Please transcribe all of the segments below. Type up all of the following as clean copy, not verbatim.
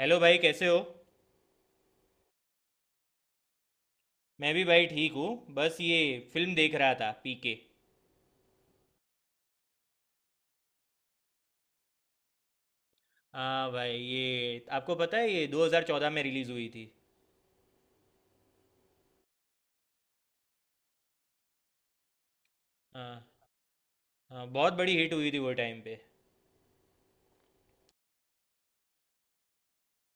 Hello भाई, कैसे हो? मैं भी भाई ठीक हूँ। बस ये फिल्म देख रहा था, पीके। हाँ भाई, ये आपको पता है ये 2014 में रिलीज़ हुई थी। हाँ। हाँ, बहुत बड़ी हिट हुई थी वो टाइम पे।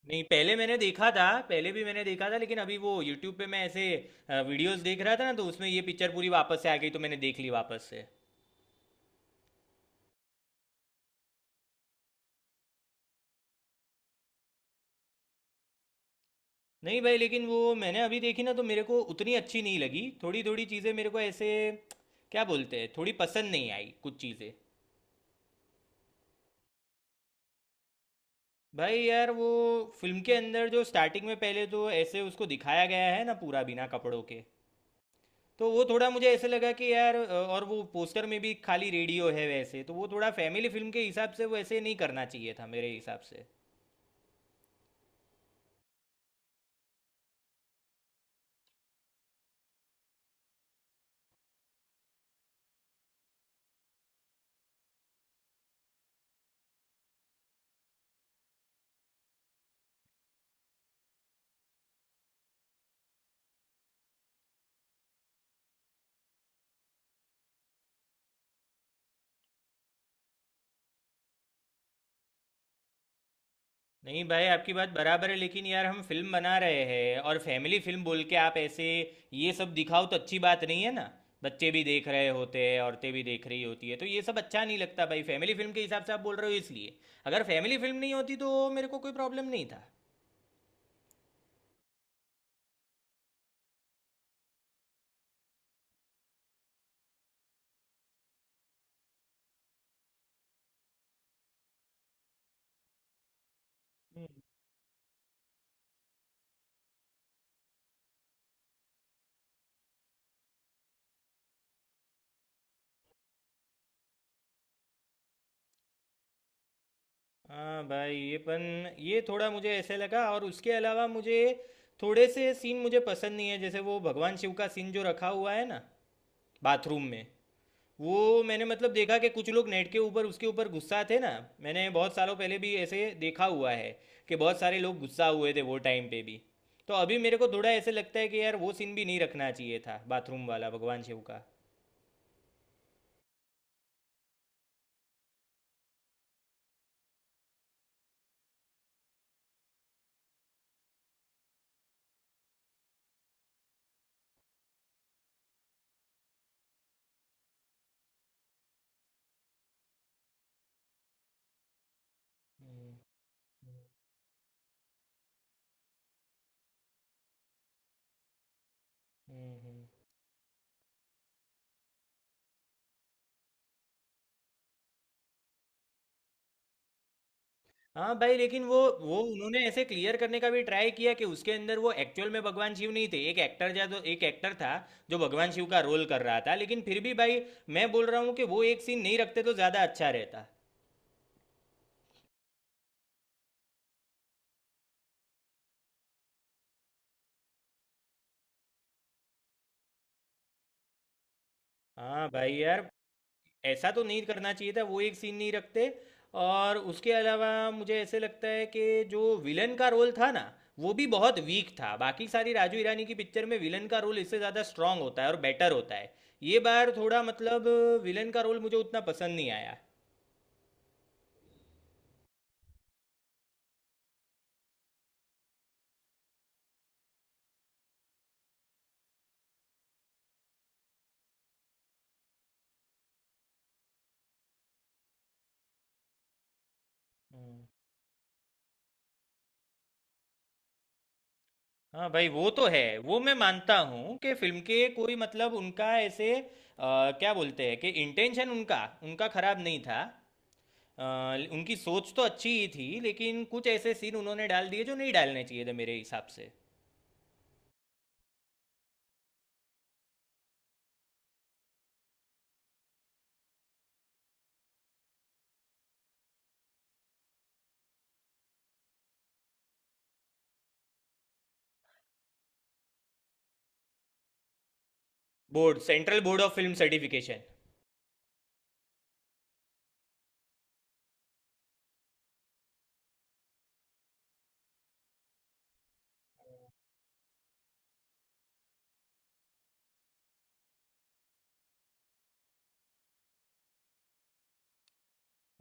नहीं, पहले मैंने देखा था, पहले भी मैंने देखा था, लेकिन अभी वो यूट्यूब पे मैं ऐसे वीडियोस देख रहा था ना तो उसमें ये पिक्चर पूरी वापस से आ गई तो मैंने देख ली वापस से। नहीं भाई, लेकिन वो मैंने अभी देखी ना तो मेरे को उतनी अच्छी नहीं लगी। थोड़ी थोड़ी चीज़ें मेरे को ऐसे क्या बोलते हैं, थोड़ी पसंद नहीं आई कुछ चीज़ें। भाई यार, वो फिल्म के अंदर जो स्टार्टिंग में पहले तो ऐसे उसको दिखाया गया है ना पूरा बिना कपड़ों के। तो वो थोड़ा मुझे ऐसे लगा कि यार, और वो पोस्टर में भी खाली रेडियो है वैसे। तो वो थोड़ा फैमिली फिल्म के हिसाब से वो ऐसे नहीं करना चाहिए था मेरे हिसाब से। नहीं भाई, आपकी बात बराबर है, लेकिन यार हम फिल्म बना रहे हैं और फैमिली फिल्म बोल के आप ऐसे ये सब दिखाओ तो अच्छी बात नहीं है ना। बच्चे भी देख रहे होते हैं, औरतें भी देख रही होती है, तो ये सब अच्छा नहीं लगता भाई। फैमिली फिल्म के हिसाब से आप बोल रहे हो इसलिए। अगर फैमिली फिल्म नहीं होती तो मेरे को कोई प्रॉब्लम नहीं था। हाँ भाई, ये थोड़ा मुझे ऐसे लगा और उसके अलावा मुझे थोड़े से सीन मुझे पसंद नहीं है, जैसे वो भगवान शिव का सीन जो रखा हुआ है ना बाथरूम में। वो मैंने मतलब देखा कि कुछ लोग नेट के ऊपर उसके ऊपर गुस्सा थे ना। मैंने बहुत सालों पहले भी ऐसे देखा हुआ है कि बहुत सारे लोग गुस्सा हुए थे वो टाइम पे भी। तो अभी मेरे को थोड़ा ऐसे लगता है कि यार वो सीन भी नहीं रखना चाहिए था, बाथरूम वाला भगवान शिव का। हम्म, हम्म, हम्म। हाँ भाई, लेकिन वो उन्होंने ऐसे क्लियर करने का भी ट्राई किया कि उसके अंदर वो एक्चुअल में भगवान शिव नहीं थे, एक एक्टर जा तो एक एक्टर था जो भगवान शिव का रोल कर रहा था, लेकिन फिर भी भाई मैं बोल रहा हूँ कि वो एक सीन नहीं रखते तो ज़्यादा अच्छा रहता। हाँ भाई यार, ऐसा तो नहीं करना चाहिए था, वो एक सीन नहीं रखते। और उसके अलावा मुझे ऐसे लगता है कि जो विलन का रोल था ना, वो भी बहुत वीक था। बाकी सारी राजू ईरानी की पिक्चर में विलन का रोल इससे ज़्यादा स्ट्रांग होता है और बेटर होता है। ये बार थोड़ा मतलब, विलन का रोल मुझे उतना पसंद नहीं आया। हाँ भाई, वो तो है, वो मैं मानता हूँ कि फिल्म के कोई मतलब उनका ऐसे क्या बोलते हैं कि इंटेंशन उनका उनका खराब नहीं था। अ, उनकी सोच तो अच्छी ही थी, लेकिन कुछ ऐसे सीन उन्होंने डाल दिए जो नहीं डालने चाहिए थे मेरे हिसाब से। Board central board of film certification.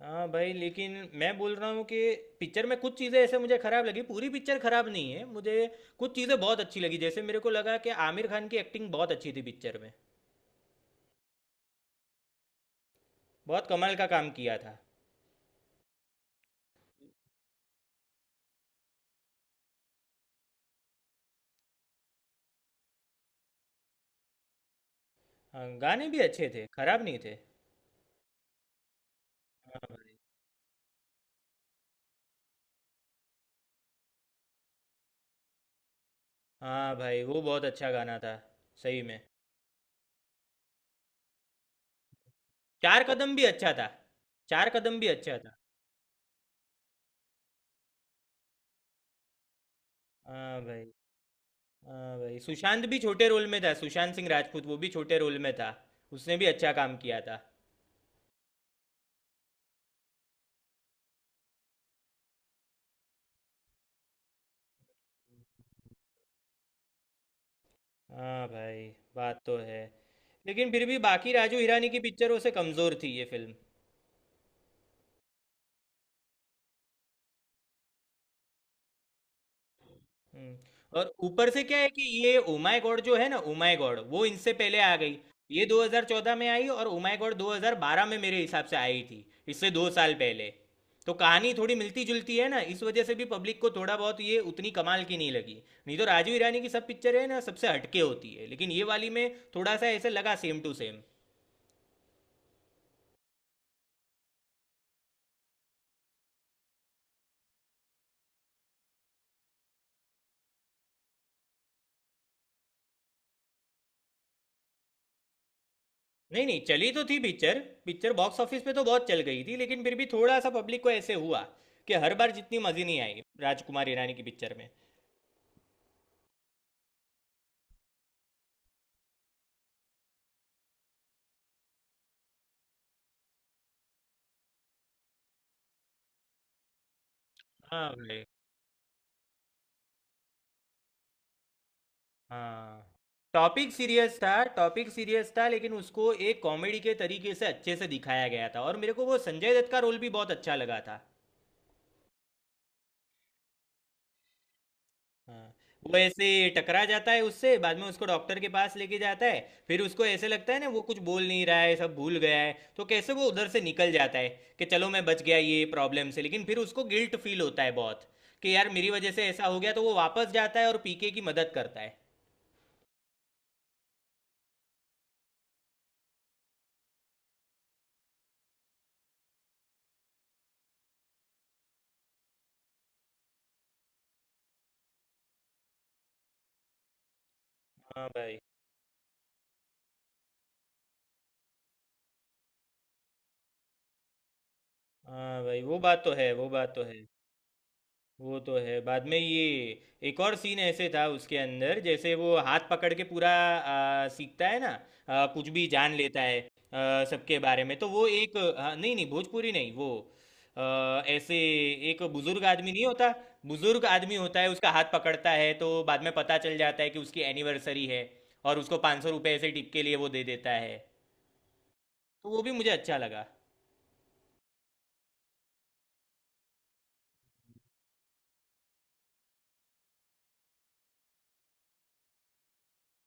हाँ भाई, लेकिन मैं बोल रहा हूँ कि पिक्चर में कुछ चीज़ें ऐसे मुझे खराब लगी, पूरी पिक्चर खराब नहीं है मुझे। कुछ चीज़ें बहुत अच्छी लगी, जैसे मेरे को लगा कि आमिर खान की एक्टिंग बहुत अच्छी थी पिक्चर में। बहुत कमाल का काम किया था। हाँ, गाने भी अच्छे थे, खराब नहीं थे। हाँ भाई। हाँ भाई, वो बहुत अच्छा गाना था, सही में। चार कदम भी अच्छा था। चार कदम भी अच्छा था। हाँ भाई। हाँ भाई, सुशांत भी छोटे रोल में था, सुशांत सिंह राजपूत, वो भी छोटे रोल में था। उसने भी अच्छा काम किया था। हाँ भाई, बात तो है। लेकिन फिर भी बाकी राजू हिरानी की पिक्चरों से कमज़ोर थी ये फिल्म। हम्म। और ऊपर से क्या है कि ये ओ माय गॉड जो है ना, ओ माय गॉड वो इनसे पहले आ गई। ये 2014 में आई और ओ माय गॉड 2012 में मेरे हिसाब से आई थी, इससे 2 साल पहले। तो कहानी थोड़ी मिलती जुलती है ना, इस वजह से भी पब्लिक को थोड़ा बहुत ये उतनी कमाल की नहीं लगी, नहीं तो राजू ईरानी की सब पिक्चर है ना सबसे हटके होती है, लेकिन ये वाली में थोड़ा सा ऐसे लगा सेम टू सेम। नहीं नहीं, चली तो थी पिक्चर। पिक्चर बॉक्स ऑफिस पे तो बहुत चल गई थी, लेकिन फिर भी थोड़ा सा पब्लिक को ऐसे हुआ कि हर बार जितनी मज़े नहीं आई राजकुमार ईरानी की पिक्चर में। हाँ भाई। हाँ। टॉपिक सीरियस था। टॉपिक सीरियस था, लेकिन उसको एक कॉमेडी के तरीके से अच्छे से दिखाया गया था और मेरे को वो संजय दत्त का रोल भी बहुत अच्छा लगा था। हाँ, वो ऐसे टकरा जाता है उससे, बाद में उसको डॉक्टर के पास लेके जाता है। फिर उसको ऐसे लगता है ना वो कुछ बोल नहीं रहा है, सब भूल गया है, तो कैसे वो उधर से निकल जाता है कि चलो मैं बच गया ये प्रॉब्लम से। लेकिन फिर उसको गिल्ट फील होता है बहुत कि यार मेरी वजह से ऐसा हो गया, तो वो वापस जाता है और पीके की मदद करता है। हाँ भाई। हाँ भाई, वो बात तो है, वो बात तो है। वो तो है। बाद में ये एक और सीन ऐसे था उसके अंदर, जैसे वो हाथ पकड़ के पूरा सीखता है ना, कुछ भी जान लेता है सबके बारे में। तो वो एक हाँ, नहीं नहीं, भोजपुरी नहीं, वो ऐसे एक बुजुर्ग आदमी नहीं होता, बुजुर्ग आदमी होता है, उसका हाथ पकड़ता है, तो बाद में पता चल जाता है कि उसकी एनिवर्सरी है और उसको 500 रुपये ऐसे टिप के लिए वो दे देता है। तो वो भी मुझे अच्छा लगा।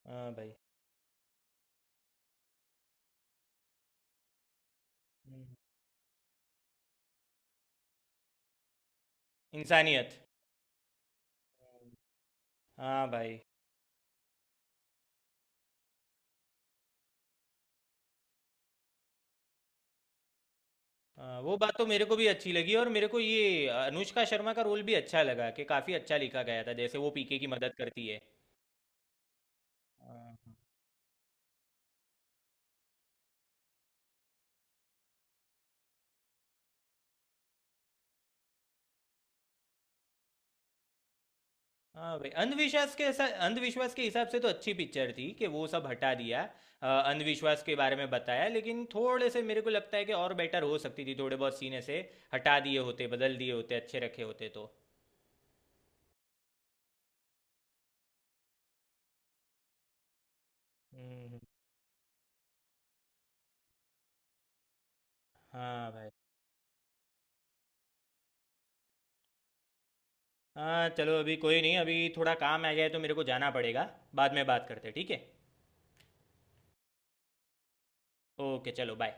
हाँ भाई। हम्म। इंसानियत। हाँ भाई। हाँ, वो बात तो मेरे को भी अच्छी लगी, और मेरे को ये अनुष्का शर्मा का रोल भी अच्छा लगा, कि काफी अच्छा लिखा गया था, जैसे वो पीके की मदद करती है। हाँ हाँ। हाँ भाई, अंधविश्वास के हिसाब से तो अच्छी पिक्चर थी कि वो सब हटा दिया। अंधविश्वास के बारे में बताया, लेकिन थोड़े से मेरे को लगता है कि और बेटर हो सकती थी, थोड़े बहुत सीन ऐसे हटा दिए होते, बदल दिए होते, अच्छे रखे होते तो। हम्म, हाँ भाई। हाँ, चलो अभी कोई नहीं, अभी थोड़ा काम आ गया है तो मेरे को जाना पड़ेगा। बाद में बात करते हैं, ठीक है। ओके, चलो बाय।